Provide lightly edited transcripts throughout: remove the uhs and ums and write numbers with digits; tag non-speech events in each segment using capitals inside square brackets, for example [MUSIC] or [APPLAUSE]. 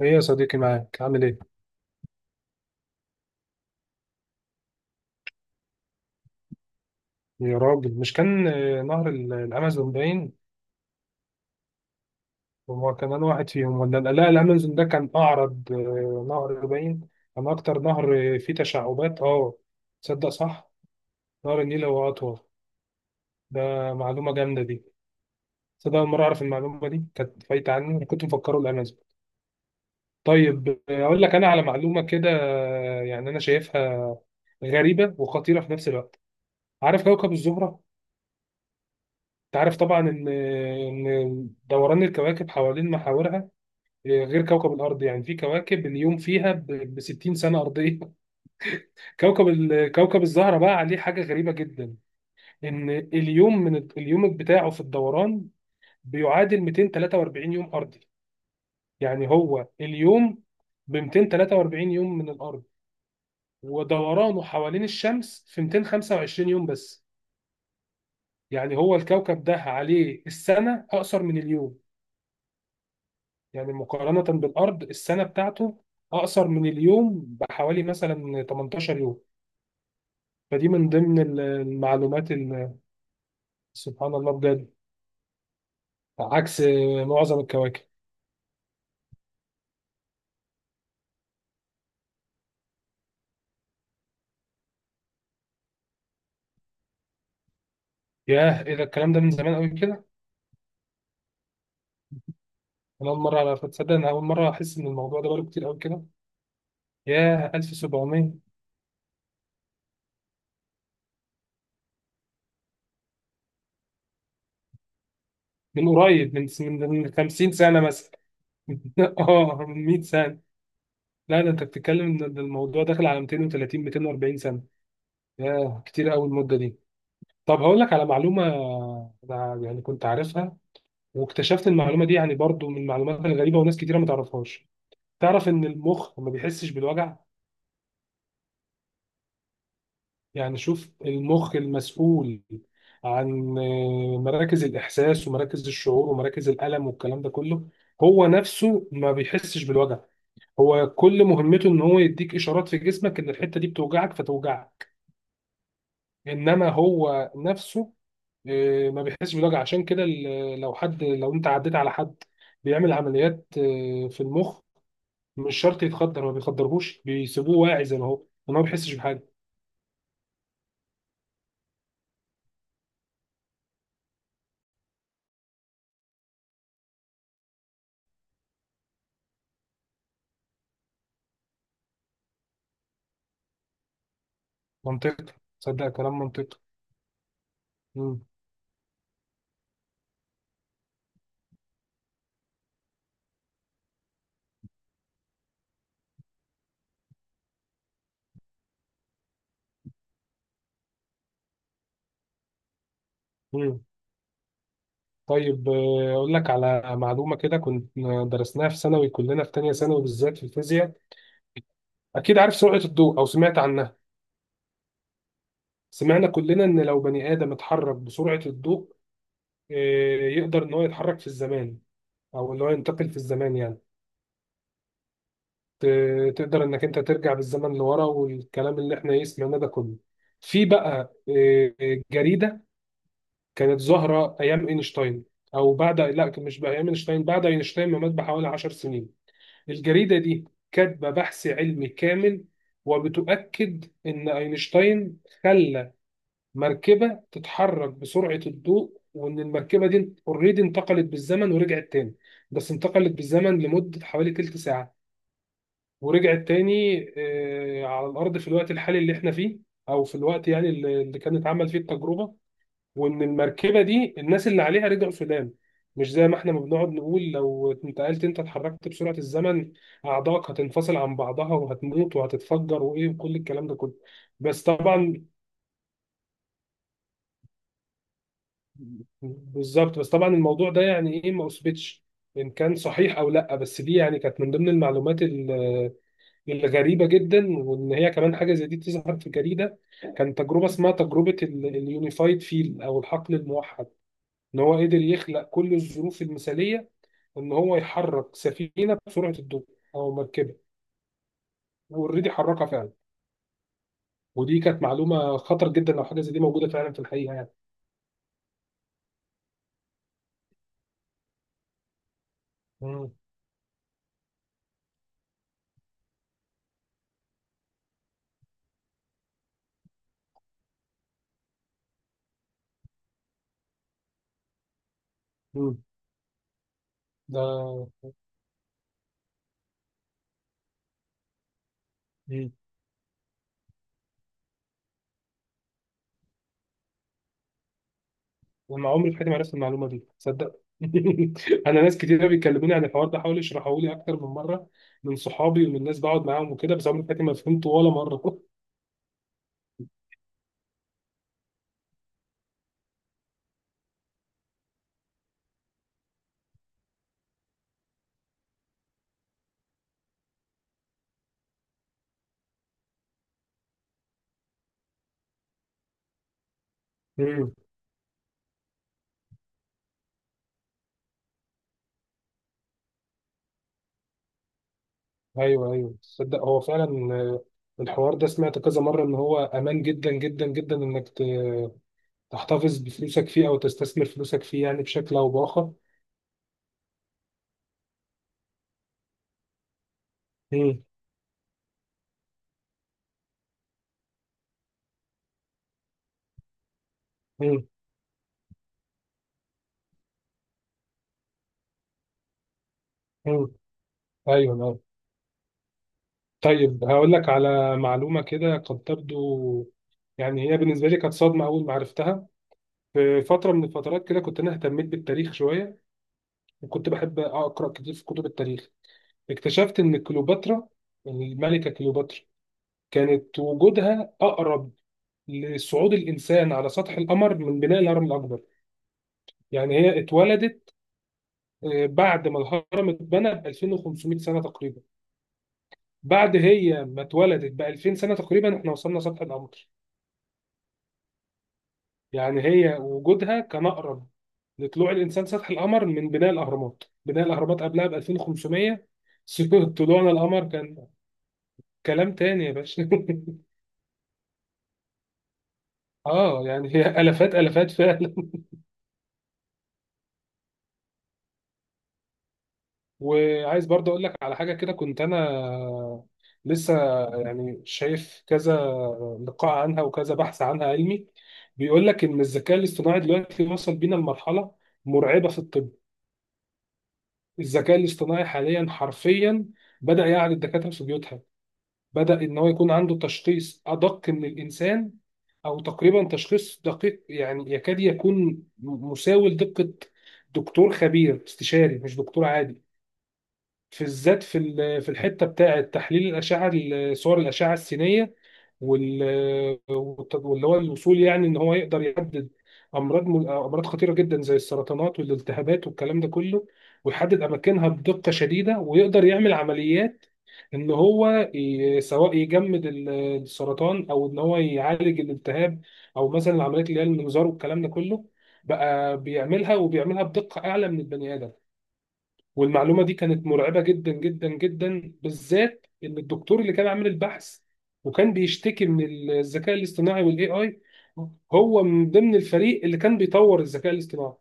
ايه يا صديقي، معاك؟ عامل ايه؟ يا راجل، مش كان نهر الامازون باين؟ هو كان انا واحد فيهم ولا؟ لا لا، الامازون ده كان اعرض، نهر باين. كان اكتر نهر فيه تشعبات. اه تصدق؟ صح، نهر النيل هو اطول. ده معلومه جامده دي. تصدق اول مره اعرف المعلومه دي، كانت فايته عني. أنا كنت مفكره الامازون. طيب اقول لك انا على معلومه كده، يعني انا شايفها غريبه وخطيره في نفس الوقت. عارف كوكب الزهره؟ تعرف طبعا ان دوران الكواكب حوالين محاورها غير كوكب الارض. يعني في كواكب اليوم فيها ب 60 سنه ارضيه. [LAUGHS] كوكب كوكب الزهره بقى عليه حاجه غريبه جدا. ان اليوم، من اليوم بتاعه في الدوران، بيعادل 243 يوم ارضي. يعني هو اليوم ب 243 يوم من الارض، ودورانه حوالين الشمس في 225 يوم بس. يعني هو الكوكب ده عليه السنه اقصر من اليوم. يعني مقارنة بالأرض، السنة بتاعته أقصر من اليوم بحوالي مثلا 18 يوم. فدي من ضمن المعلومات اللي سبحان الله بجد، عكس معظم الكواكب. ياه، إيه ده الكلام ده، من زمان قوي كده؟ أنا أول مرة أعرف، تصدق؟ أنا أول مرة أحس إن الموضوع ده بقاله كتير قوي كده. ياه 1700! من قريب من 50 سنة مثلا. [LAUGHS] اه، من 100 سنة. لا، ده أنت بتتكلم إن الموضوع داخل على 230، 240 سنة. ياه، كتير قوي المدة دي. طب هقول لك على معلومة، أنا يعني كنت عارفها، واكتشفت المعلومة دي، يعني برضو من المعلومات الغريبة وناس كتيرة ما تعرفهاش. تعرف إن المخ ما بيحسش بالوجع؟ يعني شوف، المخ المسؤول عن مراكز الإحساس ومراكز الشعور ومراكز الألم والكلام ده كله، هو نفسه ما بيحسش بالوجع. هو كل مهمته إن هو يديك إشارات في جسمك إن الحتة دي بتوجعك فتوجعك. إنما هو نفسه ما بيحسش بالوجع. عشان كده لو حد، لو انت عديت على حد بيعمل عمليات في المخ، مش شرط يتخدر. ما بيخدرهوش، بيسيبوه واعي زي ما هو، وما هو بيحسش بحاجه. منطقي، صدق، كلام منطقي. مم. مم. طيب اقول لك على معلومه كده، كنت درسناها في ثانوي كلنا، في تانية ثانوي بالذات في الفيزياء. اكيد عارف سرعه الضوء او سمعت عنها. سمعنا كلنا ان لو بني ادم اتحرك بسرعه الضوء، يقدر ان هو يتحرك في الزمان، او اللي هو ينتقل في الزمان يعني. تقدر انك انت ترجع بالزمن لورا، والكلام اللي احنا ايه سمعناه ده كله. في بقى جريده كانت ظاهره ايام اينشتاين، او بعد، لا مش بقى ايام اينشتاين، بعد اينشتاين ما مات بحوالي 10 سنين، الجريده دي كاتبه بحث علمي كامل، وبتؤكد ان اينشتاين خلى مركبه تتحرك بسرعه الضوء، وان المركبه دي اوريدي انتقلت بالزمن ورجعت تاني. بس انتقلت بالزمن لمده حوالي تلت ساعه، ورجعت تاني على الارض في الوقت الحالي اللي احنا فيه، او في الوقت يعني اللي كانت اتعمل فيه التجربه. وان المركبه دي الناس اللي عليها رجعوا السودان. مش زي ما احنا ما بنقعد نقول لو انتقلت انت، اتحركت بسرعه الزمن، اعضائك هتنفصل عن بعضها وهتموت وهتتفجر وايه، وكل الكلام ده كله. بس طبعا، بالظبط، بس طبعا الموضوع ده يعني ايه، ما اثبتش ان كان صحيح او لا، بس دي يعني كانت من ضمن المعلومات غريبة جدا. وإن هي كمان حاجة زي دي تظهر في جريدة. كان تجربة اسمها تجربة اليونيفايد فيل، أو الحقل الموحد. إن هو قدر يخلق كل الظروف المثالية، إن هو يحرك سفينة بسرعة الضوء، أو مركبة، وأوريدي حركها فعلا. ودي كانت معلومة خطر جدا لو حاجة زي دي موجودة فعلا في الحقيقة يعني. مم. مم. ده. مم. انا عمري في حياتي ما عرفت المعلومه دي، تصدق؟ [LAUGHS] انا ناس كتير بيكلموني عن الحوار ده، حاولوا يشرحوا لي اكتر من مره، من صحابي ومن ناس بقعد معاهم وكده، بس عمري في حياتي ما فهمته ولا مره. [LAUGHS] امم. ايوه، ايوه، تصدق هو فعلا الحوار ده سمعت كذا مره ان هو امان جدا جدا جدا، انك تحتفظ بفلوسك فيه او تستثمر فلوسك فيه يعني بشكل او باخر. امم. امم. امم. ايوه، أيوة. طيب هقول لك على معلومه كده، قد تبدو، يعني هي بالنسبه لي كانت صدمه اول ما عرفتها. في فترة من الفترات كده كنت أنا اهتميت بالتاريخ شوية، وكنت بحب أقرأ كتير في كتب التاريخ. اكتشفت إن كليوباترا، يعني الملكة كليوباترا، كانت وجودها أقرب لصعود الإنسان على سطح القمر من بناء الهرم الأكبر. يعني هي اتولدت بعد ما الهرم اتبنى ب 2500 سنة تقريبا. بعد هي ما اتولدت ب 2000 سنة تقريبا احنا وصلنا سطح القمر. يعني هي وجودها كان أقرب لطلوع الانسان سطح القمر من بناء الاهرامات، بناء الاهرامات قبلها ب 2500. [LAUGHS] طلوعنا القمر كان كلام تاني يا باشا. [LAUGHS] اه يعني هي الافات، الافات فعلا. وعايز برضه اقول لك على حاجه كده، كنت انا لسه يعني شايف كذا لقاء عنها وكذا بحث عنها علمي، بيقول لك ان الذكاء الاصطناعي دلوقتي وصل بينا لمرحله مرعبه في الطب. الذكاء الاصطناعي حاليا حرفيا بدأ يعرض الدكاتره في بيوتها، بدأ إن هو يكون عنده تشخيص أدق من الإنسان، أو تقريبا تشخيص دقيق يعني يكاد يكون مساوي لدقة دكتور خبير استشاري، مش دكتور عادي. في الذات في في الحتة بتاعة تحليل الأشعة، صور الأشعة السينية، وال واللي هو الوصول يعني إن هو يقدر يحدد أمراض، أمراض خطيرة جدا زي السرطانات والالتهابات والكلام ده كله، ويحدد أماكنها بدقة شديدة، ويقدر يعمل عمليات. ان هو سواء يجمد السرطان، او ان هو يعالج الالتهاب، او مثلا العمليات اللي هي المنظار والكلام ده كله، بقى بيعملها، وبيعملها بدقة اعلى من البني ادم. والمعلومة دي كانت مرعبة جدا جدا جدا، بالذات ان الدكتور اللي كان عامل البحث وكان بيشتكي من الذكاء الاصطناعي والاي اي، هو من ضمن الفريق اللي كان بيطور الذكاء الاصطناعي.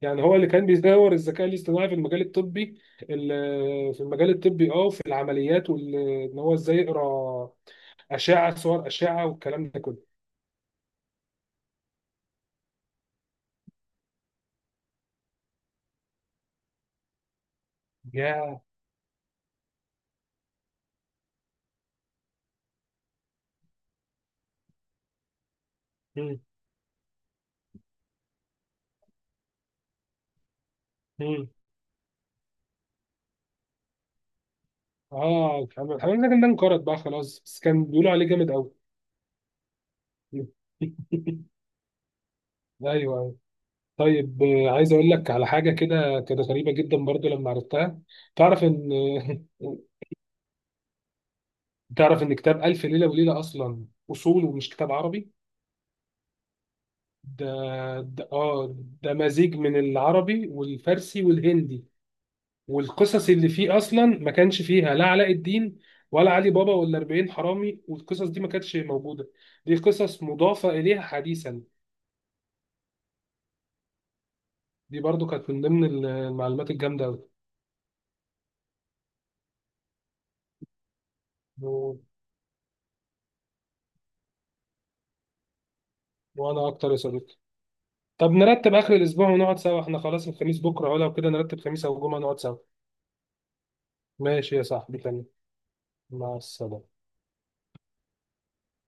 يعني هو اللي كان بيدور الذكاء الاصطناعي في المجال الطبي، في المجال الطبي وفي العمليات، وان هو ازاي يقرا اشعه، صور اشعه، والكلام ده كله. يا مم. مم. اه، الحمد لله ده انقرض بقى خلاص، بس كان بيقولوا عليه جامد قوي. [LAUGHS] ايوه، أيوة. طيب عايز اقول لك على حاجه كده، كده غريبه جدا برضو لما عرفتها. تعرف ان... [LAUGHS] تعرف ان كتاب الف ليله وليله اصلا، اصوله مش كتاب عربي. ده ده اه ده مزيج من العربي والفارسي والهندي. والقصص اللي فيه اصلا ما كانش فيها لا علاء الدين ولا علي بابا ولا 40 حرامي، والقصص دي ما كانتش موجوده، دي قصص مضافه اليها حديثا. دي برضو كانت من ضمن المعلومات الجامده قوي. و... وانا اكتر يا صديقي. طب نرتب اخر الاسبوع ونقعد سوا احنا، خلاص، الخميس بكره ولا كده؟ نرتب خميس او جمعه نقعد سوا. ماشي يا صاحبي، تمام. مع السلامه.